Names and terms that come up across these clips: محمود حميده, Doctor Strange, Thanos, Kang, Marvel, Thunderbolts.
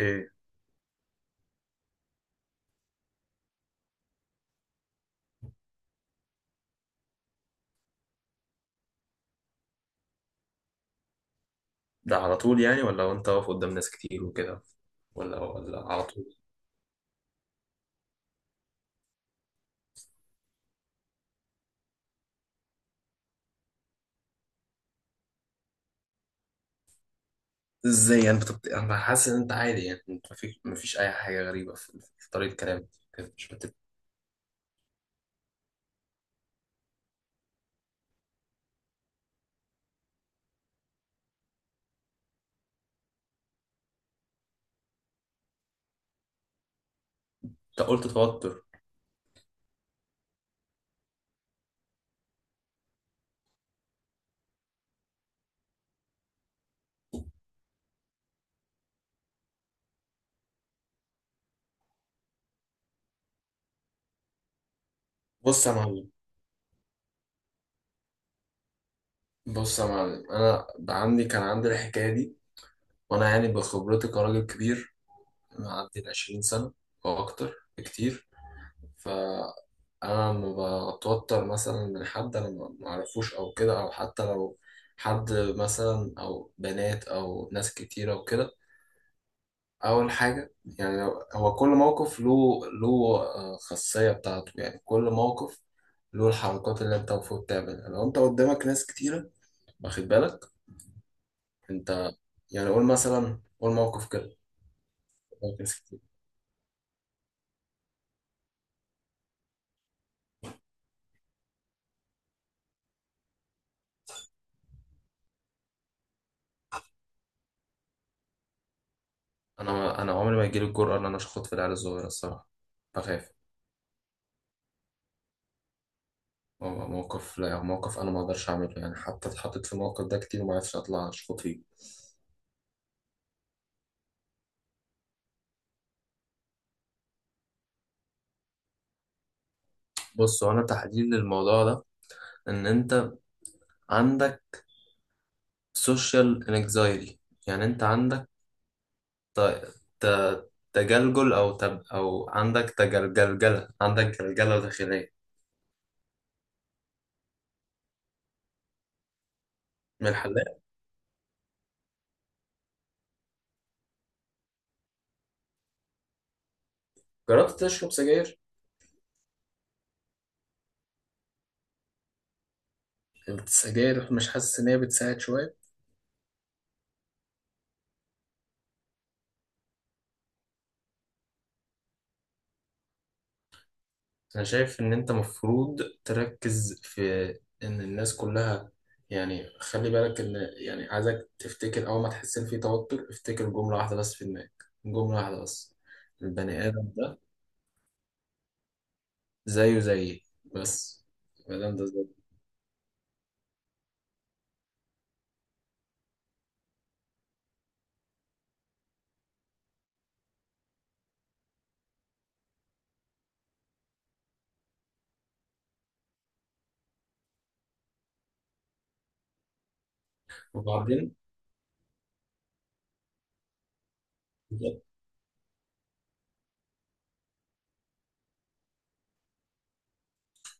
ايه. ده على طول يعني، ولا وانت واقف قدام ناس كتير وكده، ولا على طول؟ ازاي يعني انا حاسس ان انت عادي، يعني انت مفيش اي حاجه غريبه في طريقه كلامك كده، مش بت... انت قلت توتر. بص يا معلم بص يا معلم، انا بقى كان عندي الحكايه دي، وانا يعني بخبرتي كراجل كبير معدي ال 20 سنه او اكتر بكتير. فأنا لما بتوتر مثلا من حد أنا ما أعرفوش أو كده، أو حتى لو حد مثلا أو بنات أو ناس كتيرة وكده، أول حاجة يعني هو كل موقف له خاصية بتاعته. يعني كل موقف له الحركات اللي أنت المفروض تعملها لو أنت قدامك ناس كتيرة. واخد بالك؟ أنت يعني قول مثلا، قول موقف كده، قدامك ناس كتير. أنا عمري ما يجيلي الجرأة إن أنا أشخط في العيال الصغيرة الصراحة، بخاف. موقف، لا، موقف انا ما اقدرش اعمله، يعني حتى اتحطيت في الموقف ده كتير وما عرفتش اطلع اشخط فيه. بص، هو انا تحديد للموضوع ده ان انت عندك سوشيال انكزايتي. يعني انت عندك تجلجل او تب او عندك تجلجلجله، عندك جلجله داخليه. من الحلاق؟ جربت تشرب سجاير؟ السجاير مش حاسس ان هي بتساعد شويه؟ أنا شايف إن أنت مفروض تركز في إن الناس كلها، يعني خلي بالك إن، يعني عايزك تفتكر أول ما تحس إن في توتر، افتكر جملة واحدة بس في دماغك، جملة واحدة بس: البني آدم ده زيه زيي بس. البني آدم ده زيه. وبعدين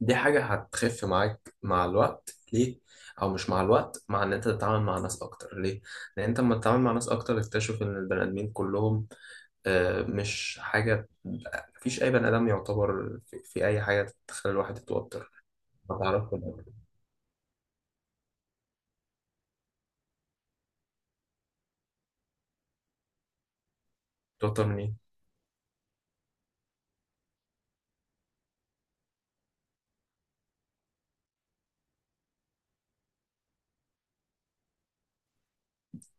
دي حاجة هتخف معاك مع الوقت. ليه؟ أو مش مع الوقت، مع إن أنت تتعامل مع ناس أكتر. ليه؟ لأن أنت لما تتعامل مع ناس أكتر تكتشف إن البني آدمين كلهم مش حاجة، مفيش أي بني آدم يعتبر في أي حاجة تخلي الواحد يتوتر. ما تعرفش تتوتر من إيه؟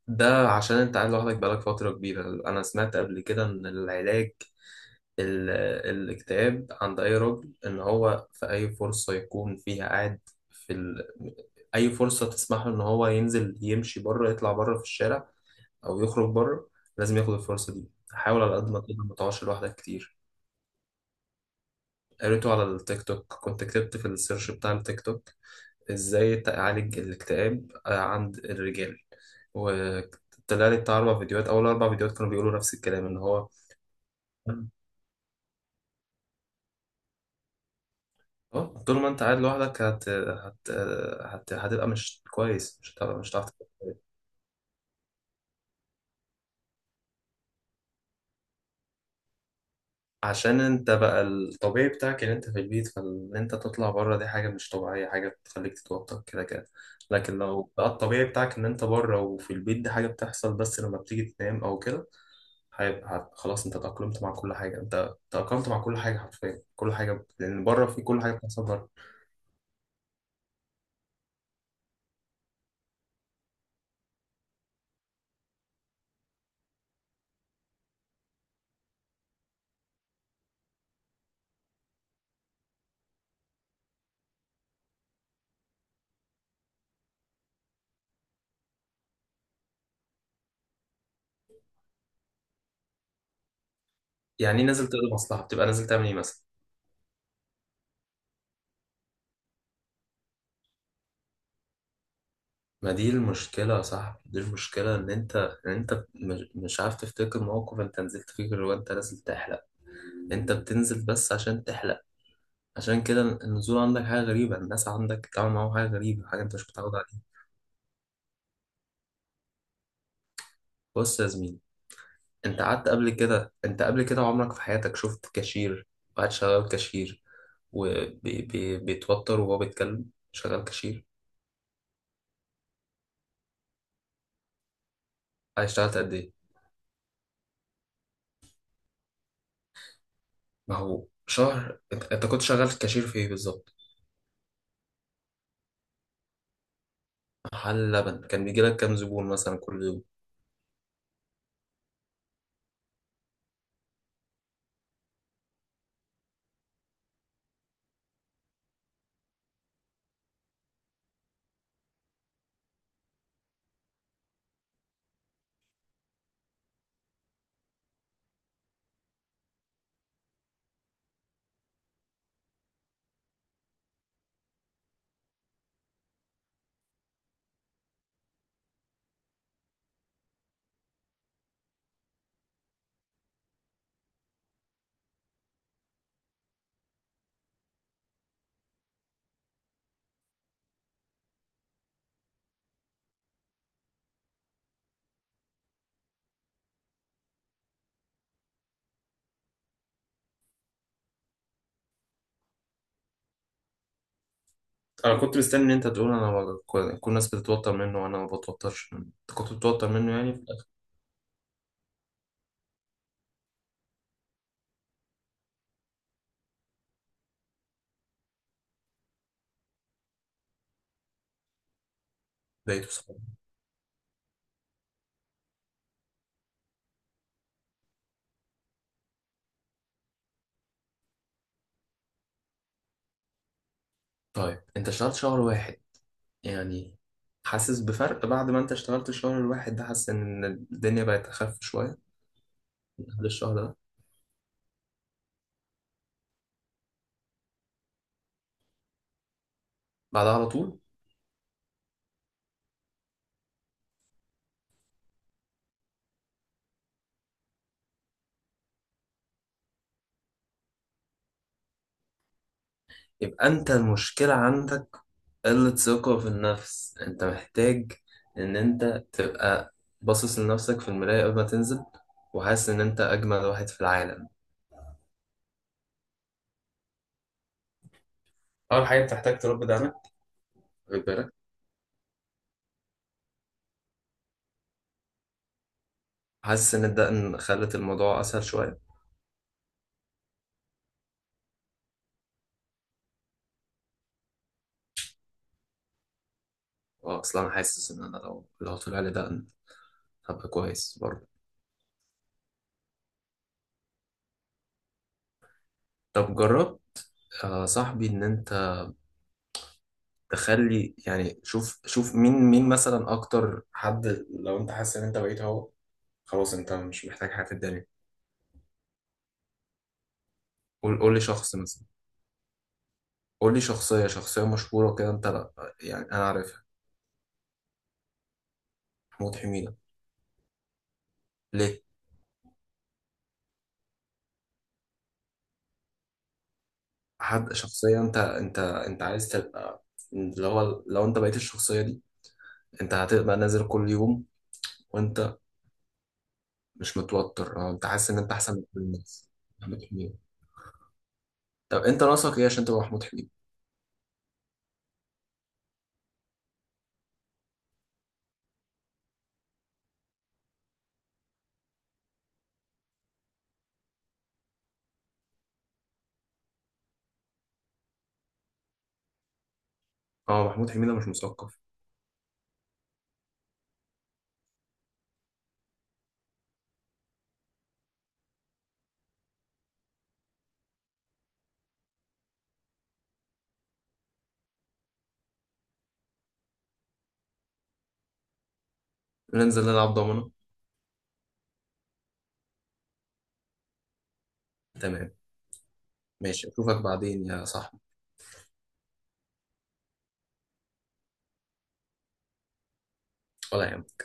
ده عشان أنت قاعد لوحدك بقالك فترة كبيرة. أنا سمعت قبل كده إن العلاج، ال- الاكتئاب عند أي راجل، إن هو في أي فرصة يكون فيها قاعد في ال... أي فرصة تسمح له إن هو ينزل يمشي بره، يطلع بره في الشارع أو يخرج بره، لازم ياخد الفرصة دي. حاول على قد ما تقدر ما تقعدش لوحدك كتير. قريته على التيك توك، كنت كتبت في السيرش بتاع التيك توك: ازاي تعالج الاكتئاب عند الرجال، وطلع لي بتاع اربع فيديوهات. اول اربع فيديوهات كانوا بيقولوا نفس الكلام، ان هو اه، طول ما انت قاعد لوحدك هتبقى مش كويس، مش هتعرف تتكلم. عشان انت بقى الطبيعي بتاعك ان انت في البيت، فان انت تطلع بره دي حاجه مش طبيعيه، حاجه بتخليك تتوتر كده كده. لكن لو بقى الطبيعي بتاعك ان انت بره، وفي البيت دي حاجه بتحصل بس لما بتيجي تنام او كده، هيبقى خلاص، انت تأقلمت مع كل حاجة. انت تأقلمت مع كل حاجة حرفيا، كل حاجة، لأن بره في كل حاجة بتحصل بره. يعني ايه نازل تقضي مصلحة؟ بتبقى نازل تعمل ايه مثلا؟ ما دي المشكلة يا صاحبي. دي المشكلة ان انت مش عارف تفتكر موقف انت نزلت فيه غير وانت نازل تحلق. انت بتنزل بس عشان تحلق. عشان كده النزول عندك حاجة غريبة، الناس عندك تعمل معاهم حاجة غريبة، حاجة انت مش متعود عليها. بص يا زميلي، انت قبل كده عمرك في حياتك شفت كاشير قاعد شغال كاشير وبيتوتر وهو بيتكلم، شغال كاشير؟ قاعد اشتغلت قد ايه؟ ما هو شهر، انت كنت شغال كاشير في ايه بالظبط؟ محل لبن. كان بيجي لك كام زبون مثلا كل يوم؟ انا كنت مستني ان انت تقول: انا كل الناس بتتوتر منه وانا ما بتوترش منه. انت كنت بتتوتر منه يعني في الاخر. لقيته صعب. طيب انت اشتغلت شهر واحد يعني. حاسس بفرق بعد ما انت اشتغلت الشهر الواحد ده؟ حاسس ان الدنيا بقت اخف شوية بعد الشهر ده؟ بعدها على طول؟ يبقى انت المشكلة عندك قلة ثقة في النفس. انت محتاج ان انت تبقى باصص لنفسك في المراية قبل ما تنزل، وحاسس ان انت اجمل واحد في العالم. اول حاجة بتحتاج تربي دقنك، خد بالك. حاسس ان الدقن خلت الموضوع اسهل شوية؟ اه، اصلا حاسس ان انا لو طلع لي دقن هبقى كويس برضه. طب جرب. آه صاحبي، ان انت تخلي، يعني شوف شوف مين مين مثلا اكتر حد لو انت حاسس ان انت بقيت هو، خلاص انت مش محتاج حاجه في الدنيا. قول قول لي شخص مثلا. قول لي شخصيه شخصيه مشهوره كده انت، لا يعني انا عارفها. محمود حميده؟ ليه؟ حد شخصيه انت عايز تبقى، اللي هو لو انت بقيت الشخصيه دي انت هتبقى نازل كل يوم وانت مش متوتر، اه انت حاسس ان انت احسن من كل الناس. محمود حميده؟ طب انت ناقصك ايه عشان تبقى محمود حميده؟ اه محمود حميده مش مثقف؟ ننزل نلعب ضمنه؟ تمام. ماشي اشوفك بعدين يا صاحبي. ولا يهمك.